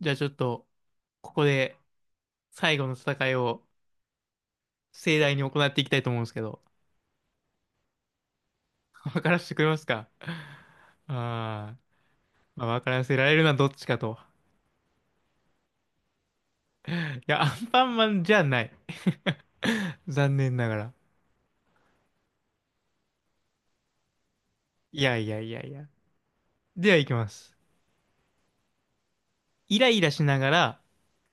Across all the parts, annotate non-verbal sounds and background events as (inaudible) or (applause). じゃあちょっと、ここで最後の戦いを盛大に行っていきたいと思うんですけど、(laughs) 分からせてくれますか？あー、まあ、分からせられるのはどっちかと。いや、アンパンマンじゃない。(laughs) 残念ながら。いやいやいやいや。では行きます。イライラしながら、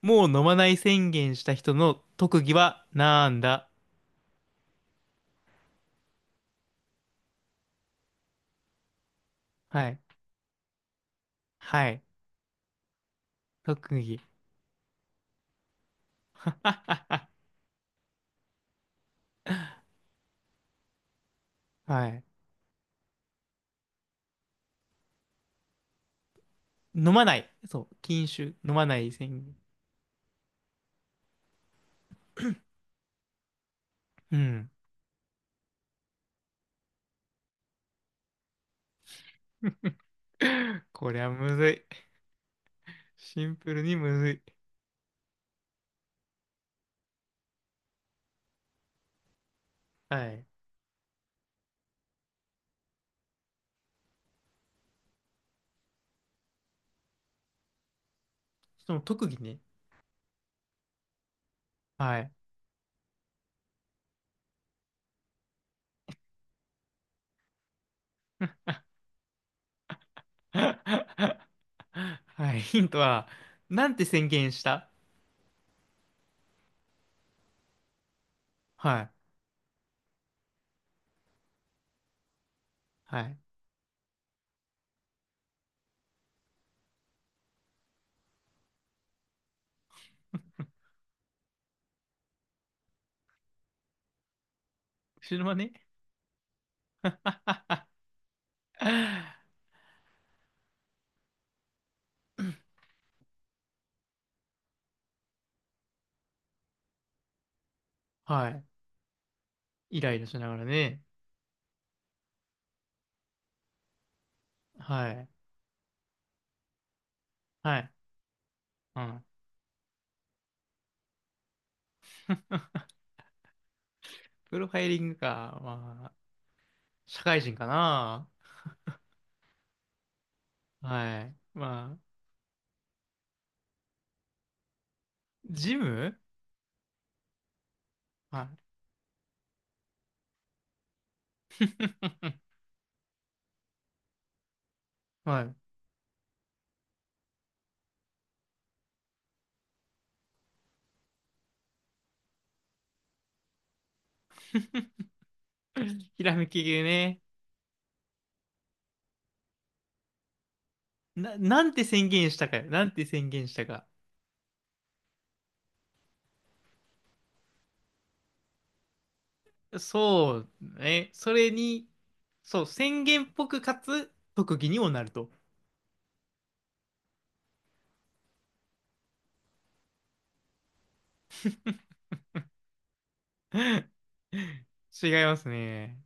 もう飲まない宣言した人の特技はなんだ？はい。はい。特技。(laughs) はい。飲まない。そう。禁酒。飲まない宣言。うん。(laughs) こりゃむずい。シンプルにむずい。はい。その特技ね。はい。(laughs) はい。ヒントは、なんて宣言した？はい。はい。後ろはね。はい。イライラしながらね。はい。はい。うん。プロファイリングか。まあ、社会人かな。はい。まあ、ジム。はい。(laughs) はい。ひらめき系ね。なんて宣言したかよ。なんて宣言したか。そうね。それに、そう、宣言っぽくかつ特技にもなると。(laughs) 違いますね。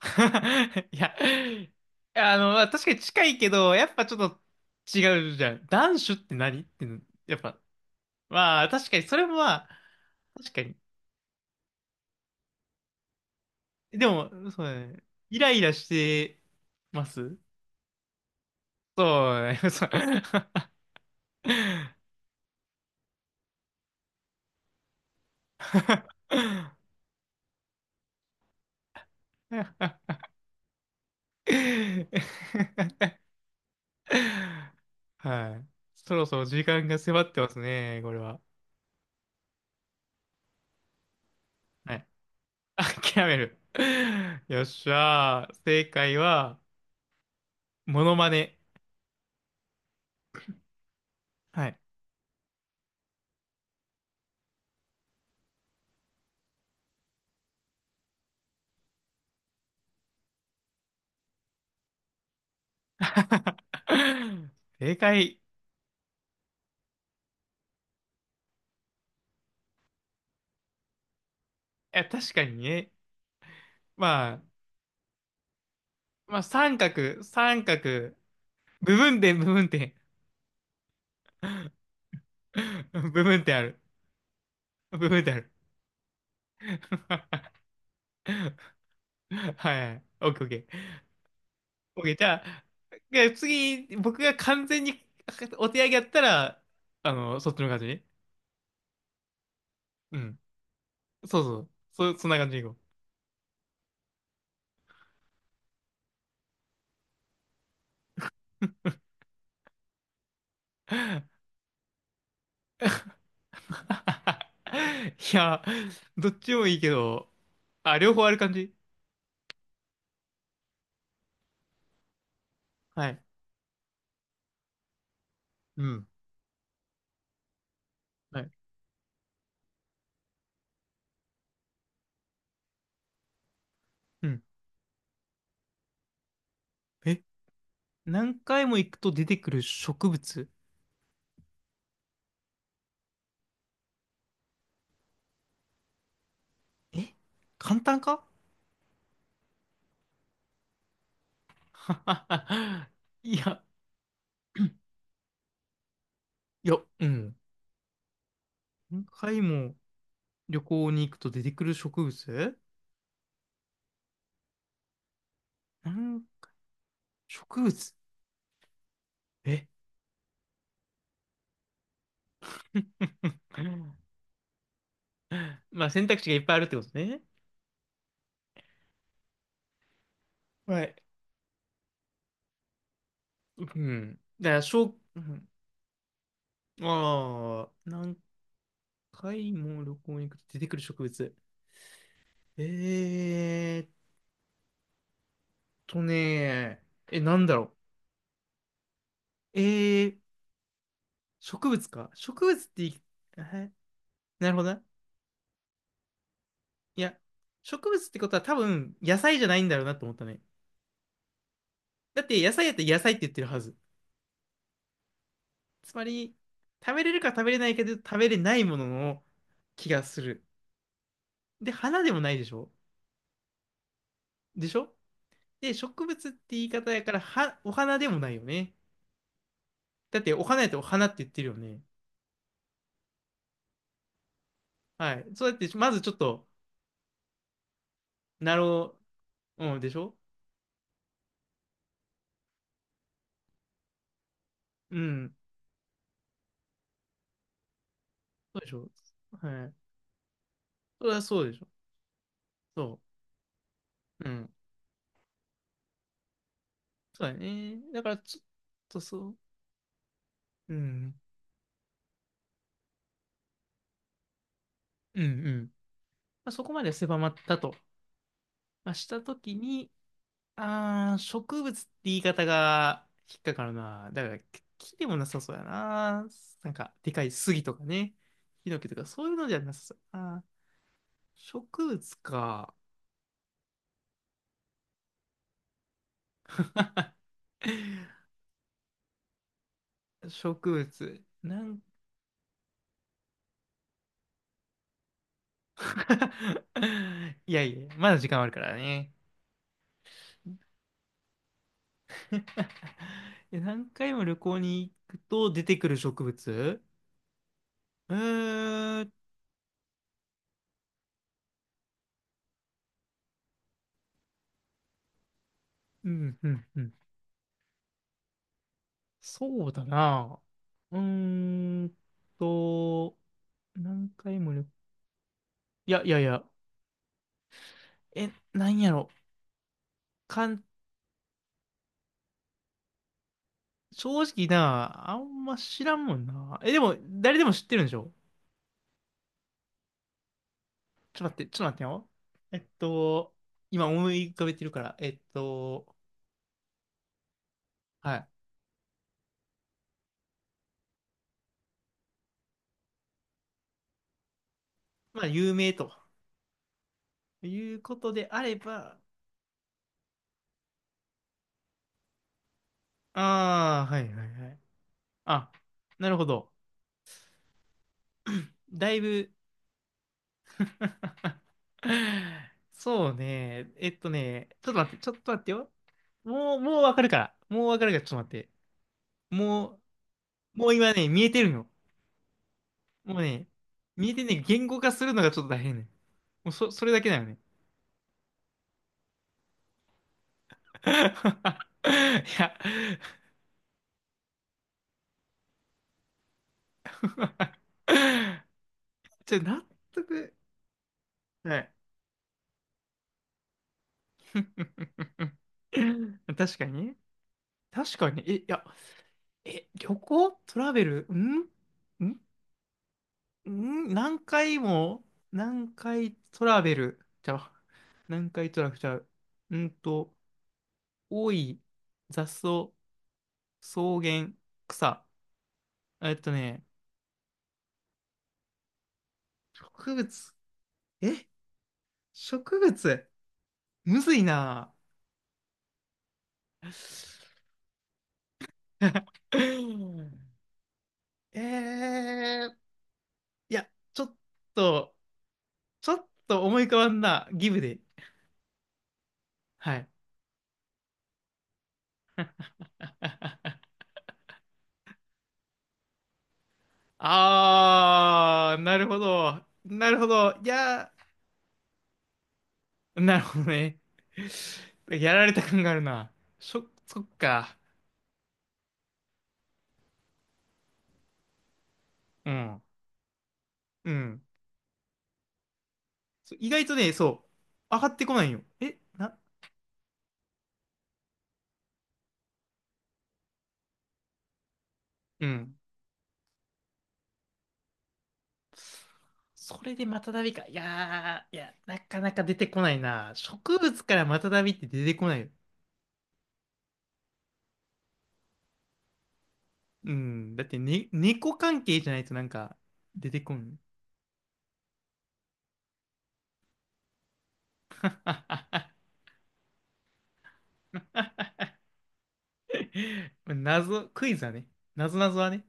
(laughs) いや、まあ確かに近いけど、やっぱちょっと違うじゃん。男子って何って、やっぱ、まあ確かにそれもまあ、確かに。でも、そうだね。イライラしてます。そうね。そう。 (laughs) (laughs)。(laughs) はい。そろそろ時間が迫ってますね、これは。はい。(laughs) 諦める。よっしゃー。正解は、モノマネ。はい。(laughs) 正解。いや、確かにね。まあ、まあ、三角、三角、部分点、部分点。(laughs) 部分点ある。部分点ある。(laughs) はい。オッケーオッケー。OK、じゃあ、で次、僕が完全にお手上げやったら、そっちの感じね。うん。そうそう。そんな感じでいこう。(laughs) いや、どっちもいいけど、あ、両方ある感じ。はい。うん。はい。うん。え、何回も行くと出てくる植物？え、簡単か？ (laughs) いや、いや、うん。何回も旅行に行くと出てくる植物？何？植物？え？ (laughs) まあ選択肢がいっぱいあるってことね。はい。うん。だから、しょうん、ああ、何回も旅行に行くと出てくる植物。えーっとね、え、なんだろう。植物か。植物ってい、えなるほどな。いや、植物ってことは多分野菜じゃないんだろうなと思ったね。だって野菜やったら野菜って言ってるはず。つまり、食べれるか食べれないけど食べれないものの気がする。で、花でもないでしょ？でしょ？で、植物って言い方やから、お花でもないよね。だって、お花やったらお花って言ってるよね。はい。そうやって、まずちょっと、なろう、うん、でしょ？うん。そうでしょ？はい。それはそうでしょ？そう。うん。そうだね。だから、ちょっと。うん。うん、うん。まあ、そこまで狭まったと。まあ、したときに、あー、植物って言い方が引っかかるな。だから、木でもなさそうやな。なんか、でかい杉とかね。ヒノキとか、そういうのじゃなさそうやな。植物か。(laughs) 植物。なんか。 (laughs) いやいや、まだ時間あるからね。(laughs) え、何回も旅行に行くと出てくる植物、えー、うん、うん、うん。そうだな。うーんと、何回も旅、いやいやいや、え、なんやろ。かん、正直な、あんま知らんもんな。え、でも、誰でも知ってるんでしょ？ちょっと待って、ちょっと待ってよ。えっと、今思い浮かべてるから、はい。まあ、有名ということであれば、ああ、はいはいはい。あ、なるほど。だいぶ、(sighs) そうね。ちょっと待って、ちょっと待ってよ。もうわかるから。もうわかるから、ちょっと待って。もうもう今ね、見えてるの。もうね、見えてんねんけど言語化するのがちょっと大変ねん。もうそ、それだけだよね。(laughs) いや、納得。はい。(laughs) 確かにね。確かに。え、いや、え、旅行トラベルんんん何回も、何回トラベルじゃう何回トラベルちゃう。うんと、多い、雑草、草原、草。えっとね、植物。え、植物。むずいな。(laughs) えー、いや、と、ちょっと思い浮かばんな。ギブで。はい。(laughs) あー、なるほど。なるほど。いやー、なるほどね。やられた感があるな。しょ、そっか。うん。うん。そう意外とね、そう。上がってこないよ。え、な、うん。それでマタダビか。いやー、いや、なかなか出てこないな。植物からマタダビって出てこないよ。うん。だって、ね、猫関係じゃないとなんか出てこん。(laughs) 謎、クイズはね。謎謎はね。